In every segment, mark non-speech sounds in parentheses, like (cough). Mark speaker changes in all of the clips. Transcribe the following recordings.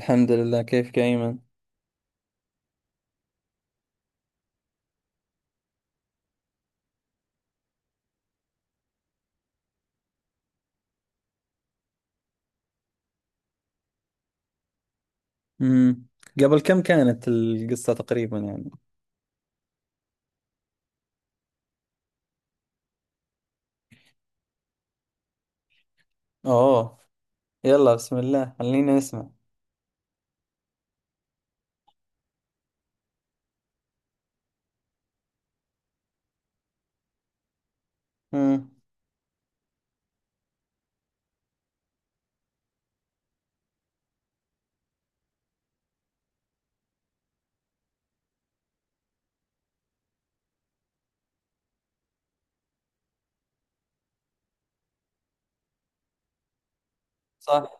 Speaker 1: الحمد لله، كيفك يا أيمن؟ امم قبل كم كانت القصة تقريبا يعني؟ اوه. يلا بسم الله، خلينا نسمع. امم صح.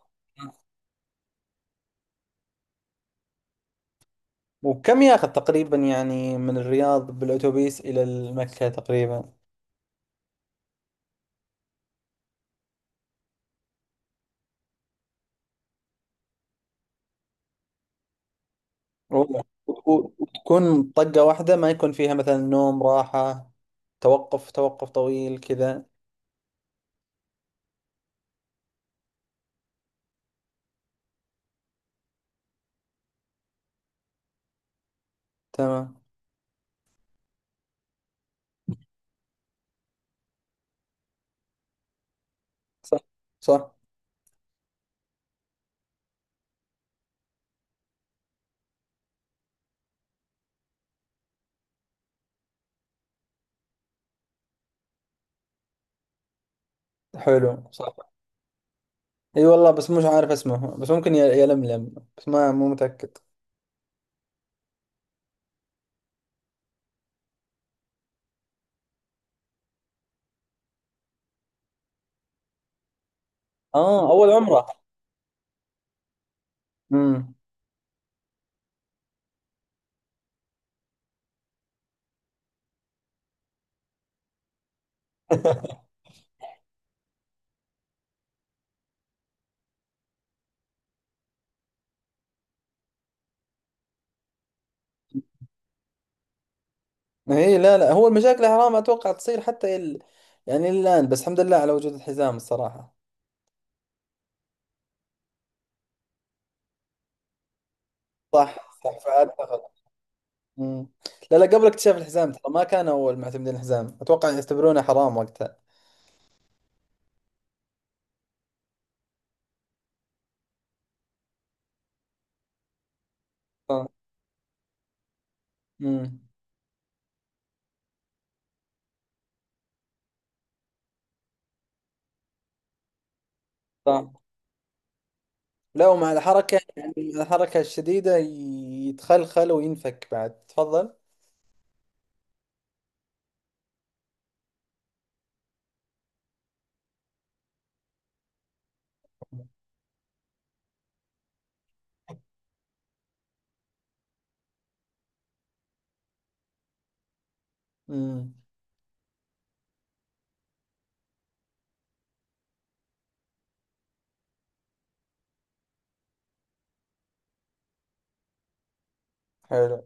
Speaker 1: وكم ياخذ تقريبا يعني من الرياض بالأتوبيس إلى مكة تقريبا؟ أوه. وتكون طقة واحدة، ما يكون فيها مثلا نوم راحة، توقف طويل كذا. تمام. صح، صح. حلو، صح. اي والله، بس مش عارف اسمه، بس ممكن يلملم، بس ما مو متأكد. اه، اول عمرة. امم اي (laughs) لا، لا، هو المشاكل حرام اتوقع تصير حتى ال... يعني الان، بس الحمد لله على وجود الحزام الصراحه. صح، صح، فعلت غلط. امم لا، لا، قبل اكتشاف الحزام ترى ما كان اول معتمدين الحزام اتوقع يعتبرونه حرام وقتها. صح. امم صح. لا، ومع الحركه يعني، مع الحركه الشديده يتخلخل وينفك بعد. تفضل. امم حلو.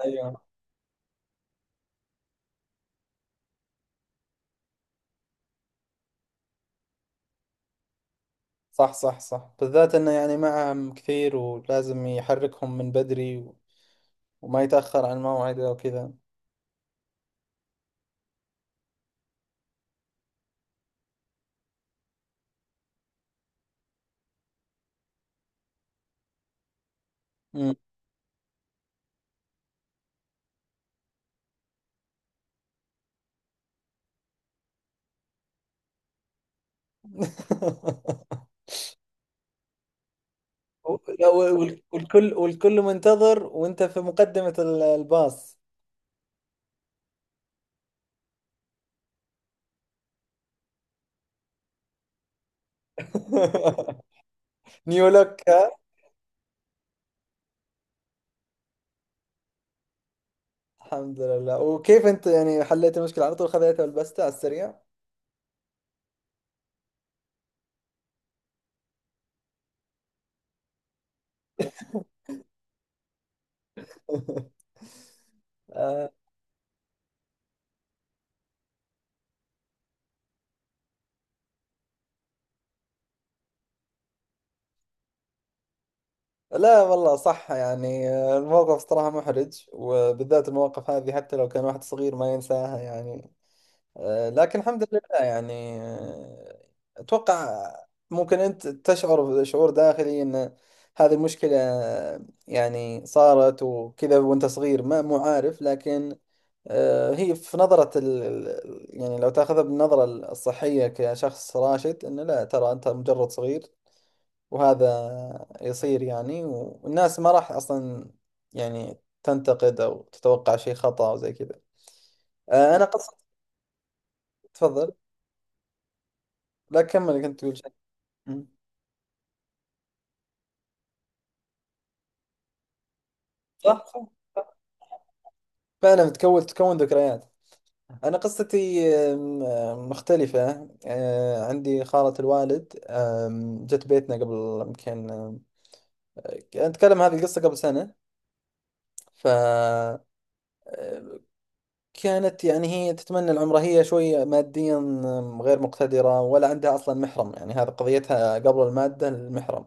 Speaker 1: ايوه. صح، صح، صح، بالذات انه يعني معهم كثير ولازم يحركهم من بدري وما يتاخر عن موعده وكذا. مم. (laughs) لا، والكل منتظر، وانت في مقدمة الباص. (laughs) نيولوك، ها؟ الحمد لله. وكيف انت يعني حليت المشكلة؟ على طول خذيتها ولبستها على السريع؟ (laughs) آه. لا والله، صح، يعني الموقف صراحة محرج، وبالذات المواقف هذه حتى لو كان واحد صغير ما ينساها يعني. لكن الحمد لله. يعني أتوقع ممكن أنت تشعر شعور داخلي أن هذه المشكلة آه، يعني صارت وكذا، وأنت صغير ما مو عارف. لكن هي في نظرة يعني لو تاخذها بالنظرة الصحية كشخص راشد، أنه لا ترى أنت مجرد صغير وهذا يصير، يعني، والناس ما راح أصلا يعني تنتقد أو تتوقع شيء خطأ أو زي كذا. أنا قصة. تفضل. لا كمل، كنت تقول شيء. مم. صح، صح، فعلا بتكون، تكون ذكريات. أنا قصتي أم، أم، مختلفة. عندي خالة الوالد جت بيتنا قبل يمكن، أتكلم هذه القصة قبل سنة. ف كانت يعني هي تتمنى العمرة، هي شوية ماديا غير مقتدرة، ولا عندها أصلا محرم. يعني هذا قضيتها قبل المادة، المحرم.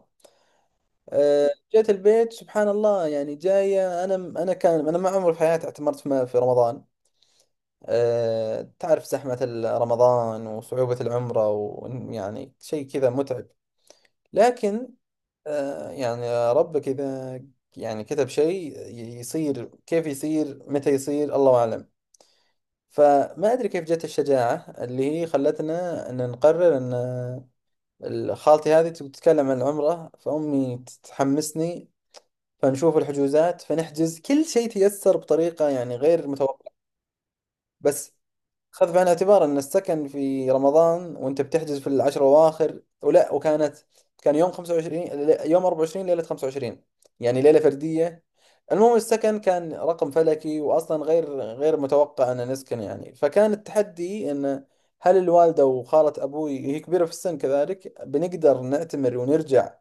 Speaker 1: جت البيت سبحان الله، يعني جاية. أنا كان أنا ما عمري في حياتي اعتمرت في رمضان. تعرف زحمة رمضان وصعوبة العمرة، ويعني شيء كذا متعب. لكن يعني ربك إذا يعني كتب شيء يصير، كيف يصير، متى يصير، الله أعلم. فما أدري كيف جت الشجاعة اللي هي خلتنا أن نقرر أن خالتي هذه تبي تتكلم عن العمرة، فأمي تحمسني. فنشوف الحجوزات، فنحجز، كل شيء تيسر بطريقة يعني غير متوقعة. بس خذ بعين الاعتبار ان السكن في رمضان وانت بتحجز في العشر الاواخر، ولا، وكانت، كان يوم 25، يوم 24، ليله 25، يعني ليله فرديه. المهم السكن كان رقم فلكي، واصلا غير متوقع ان نسكن يعني. فكان التحدي ان، هل الوالده وخاله ابوي هي كبيره في السن كذلك بنقدر نعتمر ونرجع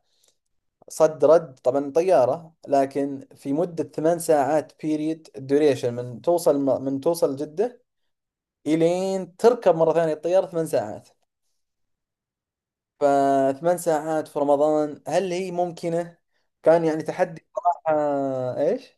Speaker 1: صد رد، طبعا طياره، لكن في مده 8 ساعات بيريد، ديوريشن، من توصل جده إلين تركب مرة ثانية الطيارة 8 ساعات. فثمان ساعات في رمضان هل هي ممكنة؟ كان يعني تحدي صراحة. إيش؟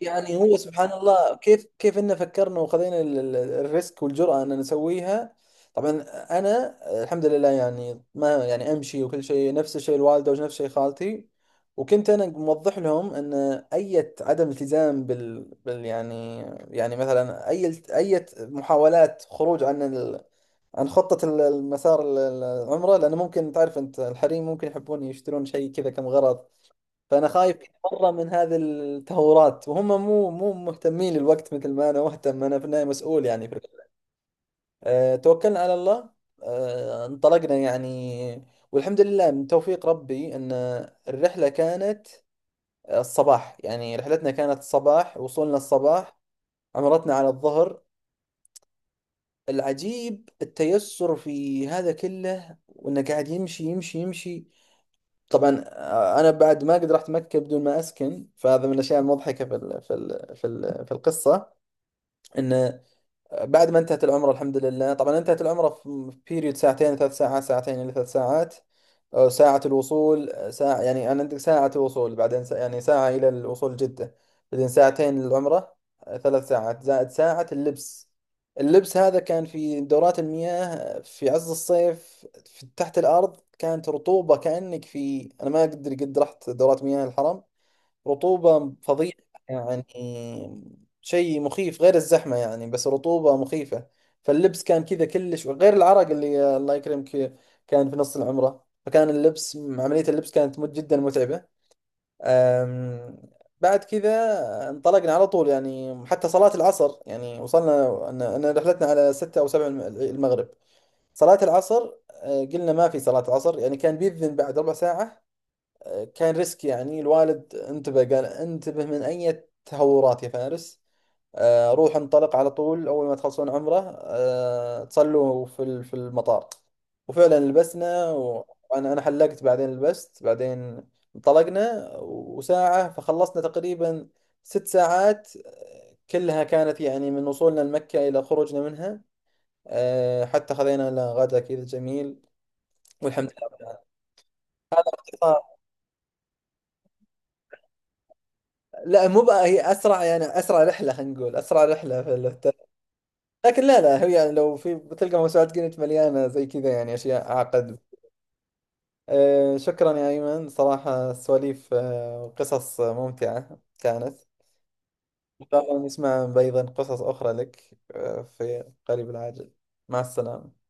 Speaker 1: يعني هو سبحان الله، كيف إنه فكرنا وخذينا الريسك والجرأة إن نسويها. طبعا، أنا الحمد لله يعني، ما يعني، أمشي وكل شيء، نفس الشيء الوالدة، ونفس الشيء خالتي. وكنت أنا موضح لهم أن أي عدم التزام بال يعني، يعني مثلا أي محاولات خروج عن خطة المسار العمرة، لأنه ممكن تعرف أنت الحريم ممكن يحبون يشترون شيء كذا كم غرض. فأنا خايف مرة من هذه التهورات، وهم مو مهتمين للوقت مثل ما أنا مهتم. أنا في النهاية مسؤول يعني في الوقت. توكلنا على الله. انطلقنا يعني. والحمد لله من توفيق ربي أن الرحلة كانت الصباح، يعني رحلتنا كانت الصباح، وصولنا الصباح، عمرتنا على الظهر. العجيب التيسر في هذا كله، وانه قاعد يمشي يمشي يمشي. طبعا انا بعد ما قد رحت مكة بدون ما اسكن، فهذا من الاشياء المضحكة في ال في ال في ال في القصة، انه بعد ما انتهت العمرة الحمد لله، طبعا انتهت العمرة في بيريود ساعتين إلى 3 ساعات. أو ساعة الوصول، ساعة يعني، أنا عندك ساعة الوصول، بعدين ساعة، يعني ساعة إلى الوصول جدة، بعدين ساعتين للعمرة. 3 ساعات زائد ساعة اللبس. اللبس هذا كان في دورات المياه في عز الصيف في تحت الأرض، كانت رطوبة كأنك في، أنا ما أقدر، قد رحت دورات مياه الحرم، رطوبة فظيعة يعني، شيء مخيف. غير الزحمة يعني، بس رطوبة مخيفة. فاللبس كان كذا كلش، غير العرق اللي الله يكرمك كان في نص العمرة. فكان اللبس، عملية اللبس كانت جدا متعبة. أم، بعد كذا انطلقنا على طول يعني، حتى صلاة العصر يعني وصلنا. أنا رحلتنا على 6 أو 7، المغرب صلاة العصر. قلنا ما في صلاة العصر، يعني كان بيذن بعد ربع ساعة. كان ريسك يعني. الوالد انتبه، قال: انتبه من أي تهورات يا فارس. روح انطلق على طول، أول ما تخلصون عمره تصلوا في في المطار. وفعلا لبسنا، وأنا حلقت، بعدين لبست، بعدين انطلقنا، وساعة فخلصنا تقريبا 6 ساعات كلها، كانت يعني من وصولنا لمكة إلى خروجنا منها، حتى خذينا لنا غدا كذا جميل، والحمد لله. لا، مو بقى، هي اسرع يعني، اسرع رحله، خلينا نقول اسرع رحله في البتاع. لكن لا، لا، هي يعني لو في، بتلقى موسوعات جينيت مليانه زي كذا يعني، اشياء اعقد. أه، شكرا يا ايمن، صراحه سواليف وقصص ممتعه كانت. ان شاء الله نسمع ايضا قصص اخرى لك في قريب العاجل. مع السلامه.